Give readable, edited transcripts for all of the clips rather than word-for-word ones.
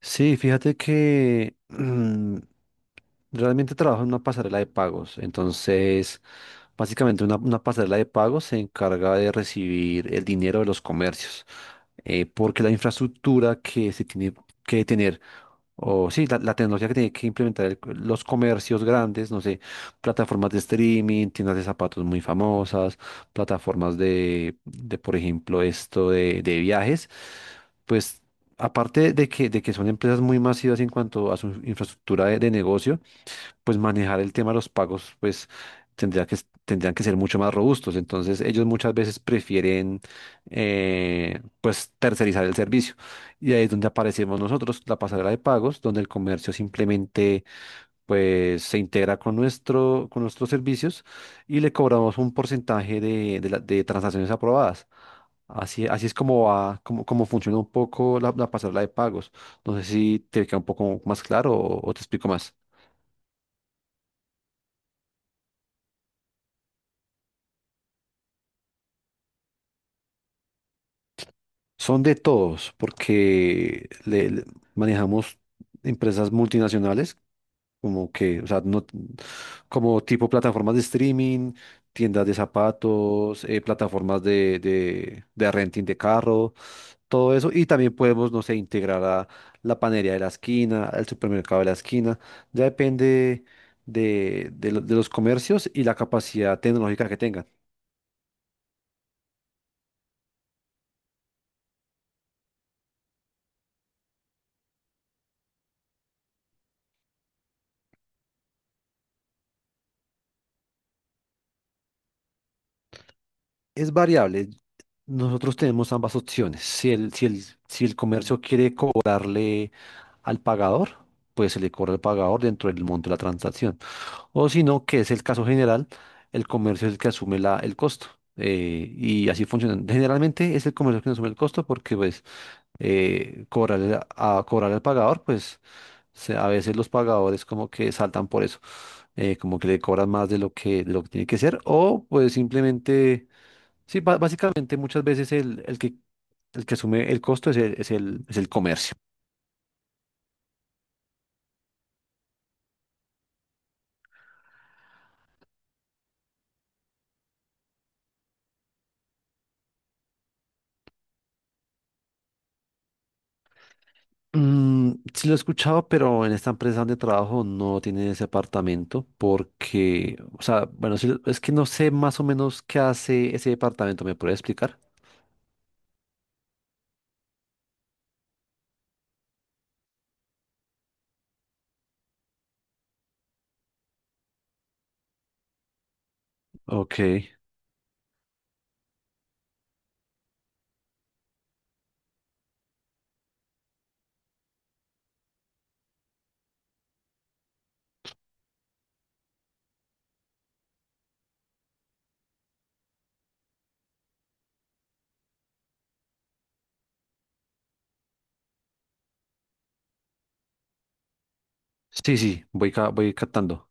Sí, fíjate que realmente trabajo en una pasarela de pagos. Entonces, básicamente una pasarela de pagos se encarga de recibir el dinero de los comercios, porque la infraestructura que se tiene que tener o sí, la tecnología que tiene que implementar los comercios grandes, no sé, plataformas de streaming, tiendas de zapatos muy famosas, plataformas por ejemplo, esto de viajes, pues aparte de que son empresas muy masivas en cuanto a su infraestructura de negocio, pues manejar el tema de los pagos, pues tendría que, tendrían que ser mucho más robustos. Entonces, ellos muchas veces prefieren, pues, tercerizar el servicio. Y ahí es donde aparecemos nosotros, la pasarela de pagos, donde el comercio simplemente, pues, se integra con nuestro, con nuestros servicios y le cobramos un porcentaje de de transacciones aprobadas. Así, así es como va, como, como funciona un poco la pasarela de pagos. No sé si te queda un poco más claro o te explico más. Son de todos, porque manejamos empresas multinacionales, como que, o sea, no, como tipo plataformas de streaming, tiendas de zapatos, plataformas de renting de carro, todo eso. Y también podemos, no sé, integrar a la panería de la esquina, al supermercado de la esquina. Ya depende de, de los comercios y la capacidad tecnológica que tengan. Es variable. Nosotros tenemos ambas opciones. Si el comercio quiere cobrarle al pagador, pues se le cobra al pagador dentro del monto de la transacción. O si no, que es el caso general, el comercio es el que asume la, el costo. Y así funciona. Generalmente es el comercio que asume el costo porque pues cobrarle a cobrar al pagador, pues a veces los pagadores como que saltan por eso, como que le cobran más de lo que tiene que ser o pues simplemente sí, básicamente muchas veces el que asume el costo es el comercio. Mm, sí lo he escuchado, pero en esta empresa donde trabajo no tiene ese apartamento porque, o sea, bueno, sí, es que no sé más o menos qué hace ese departamento. ¿Me puede explicar? Ok, sí, sí, voy, voy captando.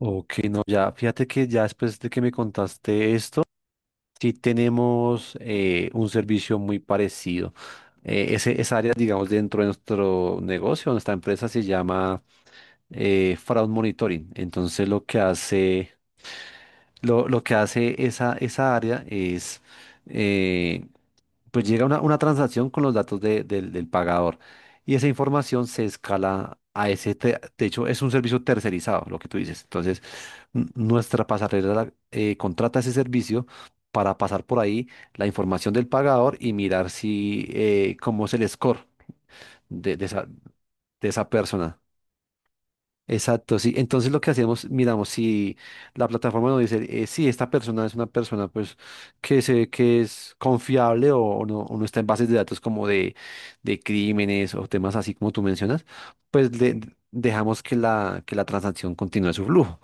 Ok, no, ya, fíjate que ya después de que me contaste esto, sí tenemos un servicio muy parecido. Esa área, digamos, dentro de nuestro negocio, nuestra empresa se llama Fraud Monitoring. Entonces lo que hace, lo que hace esa área es... eh, pues llega una transacción con los datos del pagador y esa información se escala a ese, de hecho es un servicio tercerizado, lo que tú dices. Entonces, nuestra pasarela contrata ese servicio para pasar por ahí la información del pagador y mirar si, cómo es el score de de esa persona. Exacto, sí. Entonces lo que hacíamos, miramos si la plataforma nos dice, si esta persona es una persona pues que es confiable o no está en bases de datos como de crímenes o temas así como tú mencionas, pues le- dejamos que la transacción continúe su flujo.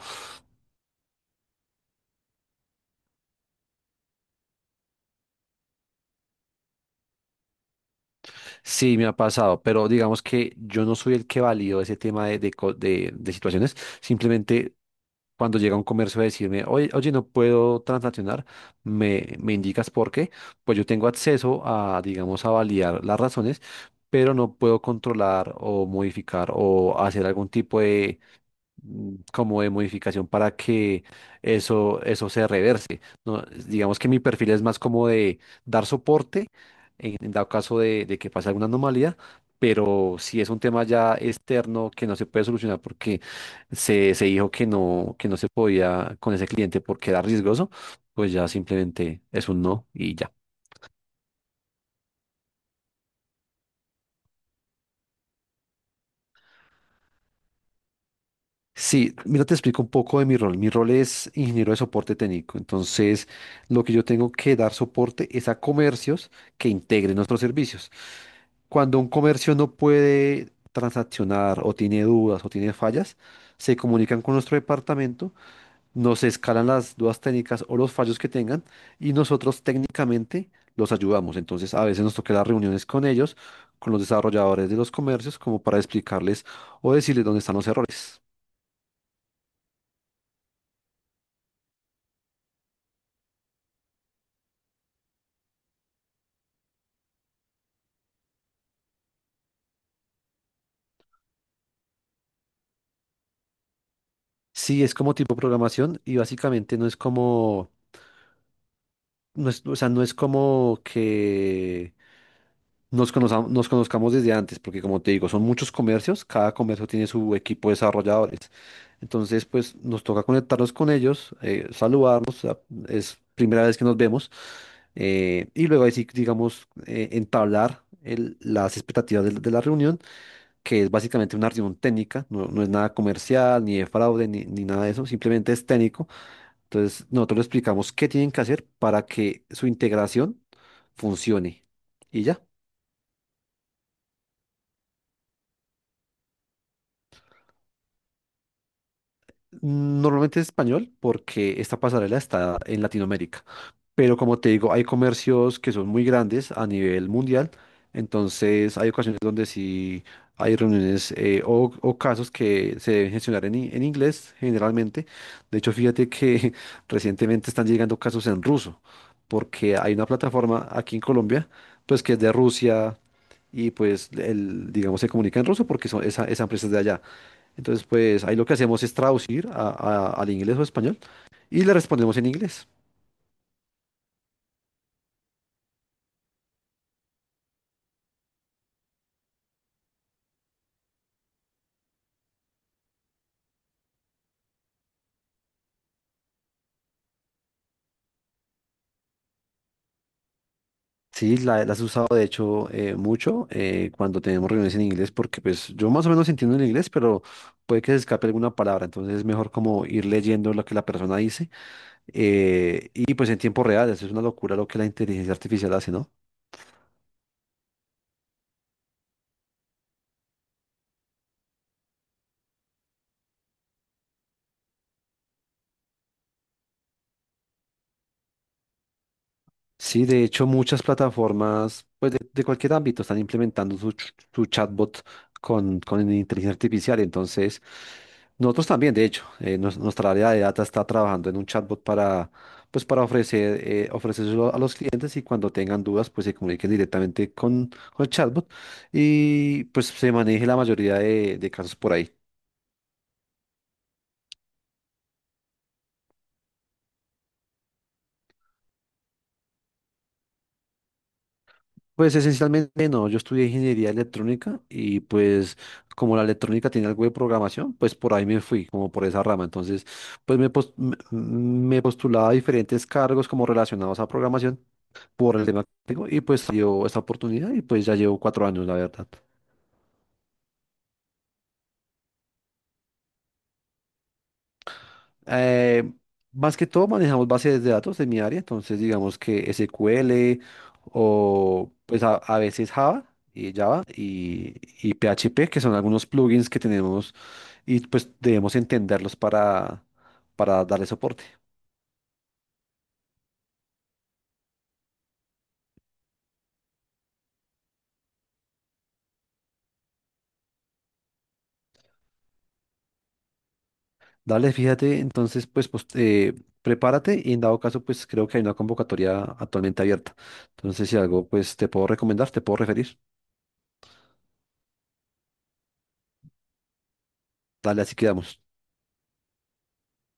Sí, me ha pasado, pero digamos que yo no soy el que valido ese tema de, de situaciones. Simplemente cuando llega un comercio a decirme, oye, no puedo transaccionar, me indicas por qué, pues yo tengo acceso a, digamos, a validar las razones, pero no puedo controlar o modificar o hacer algún tipo como de modificación para que eso se reverse, ¿no? Digamos que mi perfil es más como de dar soporte en dado caso de que pase alguna anomalía, pero si es un tema ya externo que no se puede solucionar porque se dijo que no se podía con ese cliente porque era riesgoso, pues ya simplemente es un no y ya. Sí, mira, te explico un poco de mi rol. Mi rol es ingeniero de soporte técnico. Entonces, lo que yo tengo que dar soporte es a comercios que integren nuestros servicios. Cuando un comercio no puede transaccionar o tiene dudas o tiene fallas, se comunican con nuestro departamento, nos escalan las dudas técnicas o los fallos que tengan y nosotros técnicamente los ayudamos. Entonces, a veces nos toca las reuniones con ellos, con los desarrolladores de los comercios, como para explicarles o decirles dónde están los errores. Sí, es como tipo programación y básicamente no es como, o sea, no es como que nos conozcamos desde antes, porque como te digo, son muchos comercios, cada comercio tiene su equipo de desarrolladores. Entonces, pues nos toca conectarnos con ellos, saludarnos, es primera vez que nos vemos, y luego ahí sí, digamos, entablar las expectativas de la reunión, que es básicamente una reunión técnica, no, no es nada comercial, ni de fraude, ni, ni nada de eso, simplemente es técnico. Entonces, nosotros les explicamos qué tienen que hacer para que su integración funcione. Y ya. Normalmente es español porque esta pasarela está en Latinoamérica. Pero como te digo, hay comercios que son muy grandes a nivel mundial, entonces hay ocasiones donde sí hay reuniones o casos que se deben gestionar en, en inglés generalmente. De hecho, fíjate que recientemente están llegando casos en ruso, porque hay una plataforma aquí en Colombia, pues que es de Rusia y pues el, digamos se comunica en ruso porque son esa, esa empresa es de allá. Entonces, pues ahí lo que hacemos es traducir al inglés o español y le respondemos en inglés. Sí, la has usado de hecho mucho cuando tenemos reuniones en inglés, porque pues yo más o menos entiendo el inglés, pero puede que se escape alguna palabra, entonces es mejor como ir leyendo lo que la persona dice, y pues en tiempo real, eso es una locura lo que la inteligencia artificial hace, ¿no? Sí, de hecho, muchas plataformas, pues de cualquier ámbito, están implementando su, su chatbot con inteligencia artificial. Entonces, nosotros también, de hecho, nuestra área de data está trabajando en un chatbot para, pues, para ofrecer, ofrecérselo a los clientes y cuando tengan dudas, pues se comuniquen directamente con el chatbot y pues se maneje la mayoría de casos por ahí. Pues esencialmente no, yo estudié ingeniería electrónica y pues como la electrónica tiene algo de programación, pues por ahí me fui, como por esa rama. Entonces, pues me postulaba a diferentes cargos como relacionados a programación por el tema que tengo y pues dio esta oportunidad y pues ya llevo cuatro años, la verdad. Eh, más que todo manejamos bases de datos en mi área, entonces digamos que SQL o pues a veces Java y Java y, y PHP, que son algunos plugins que tenemos y pues debemos entenderlos para darle soporte. Dale, fíjate, entonces pues, prepárate y en dado caso pues creo que hay una convocatoria actualmente abierta. Entonces si algo pues te puedo recomendar, te puedo referir. Dale, así quedamos.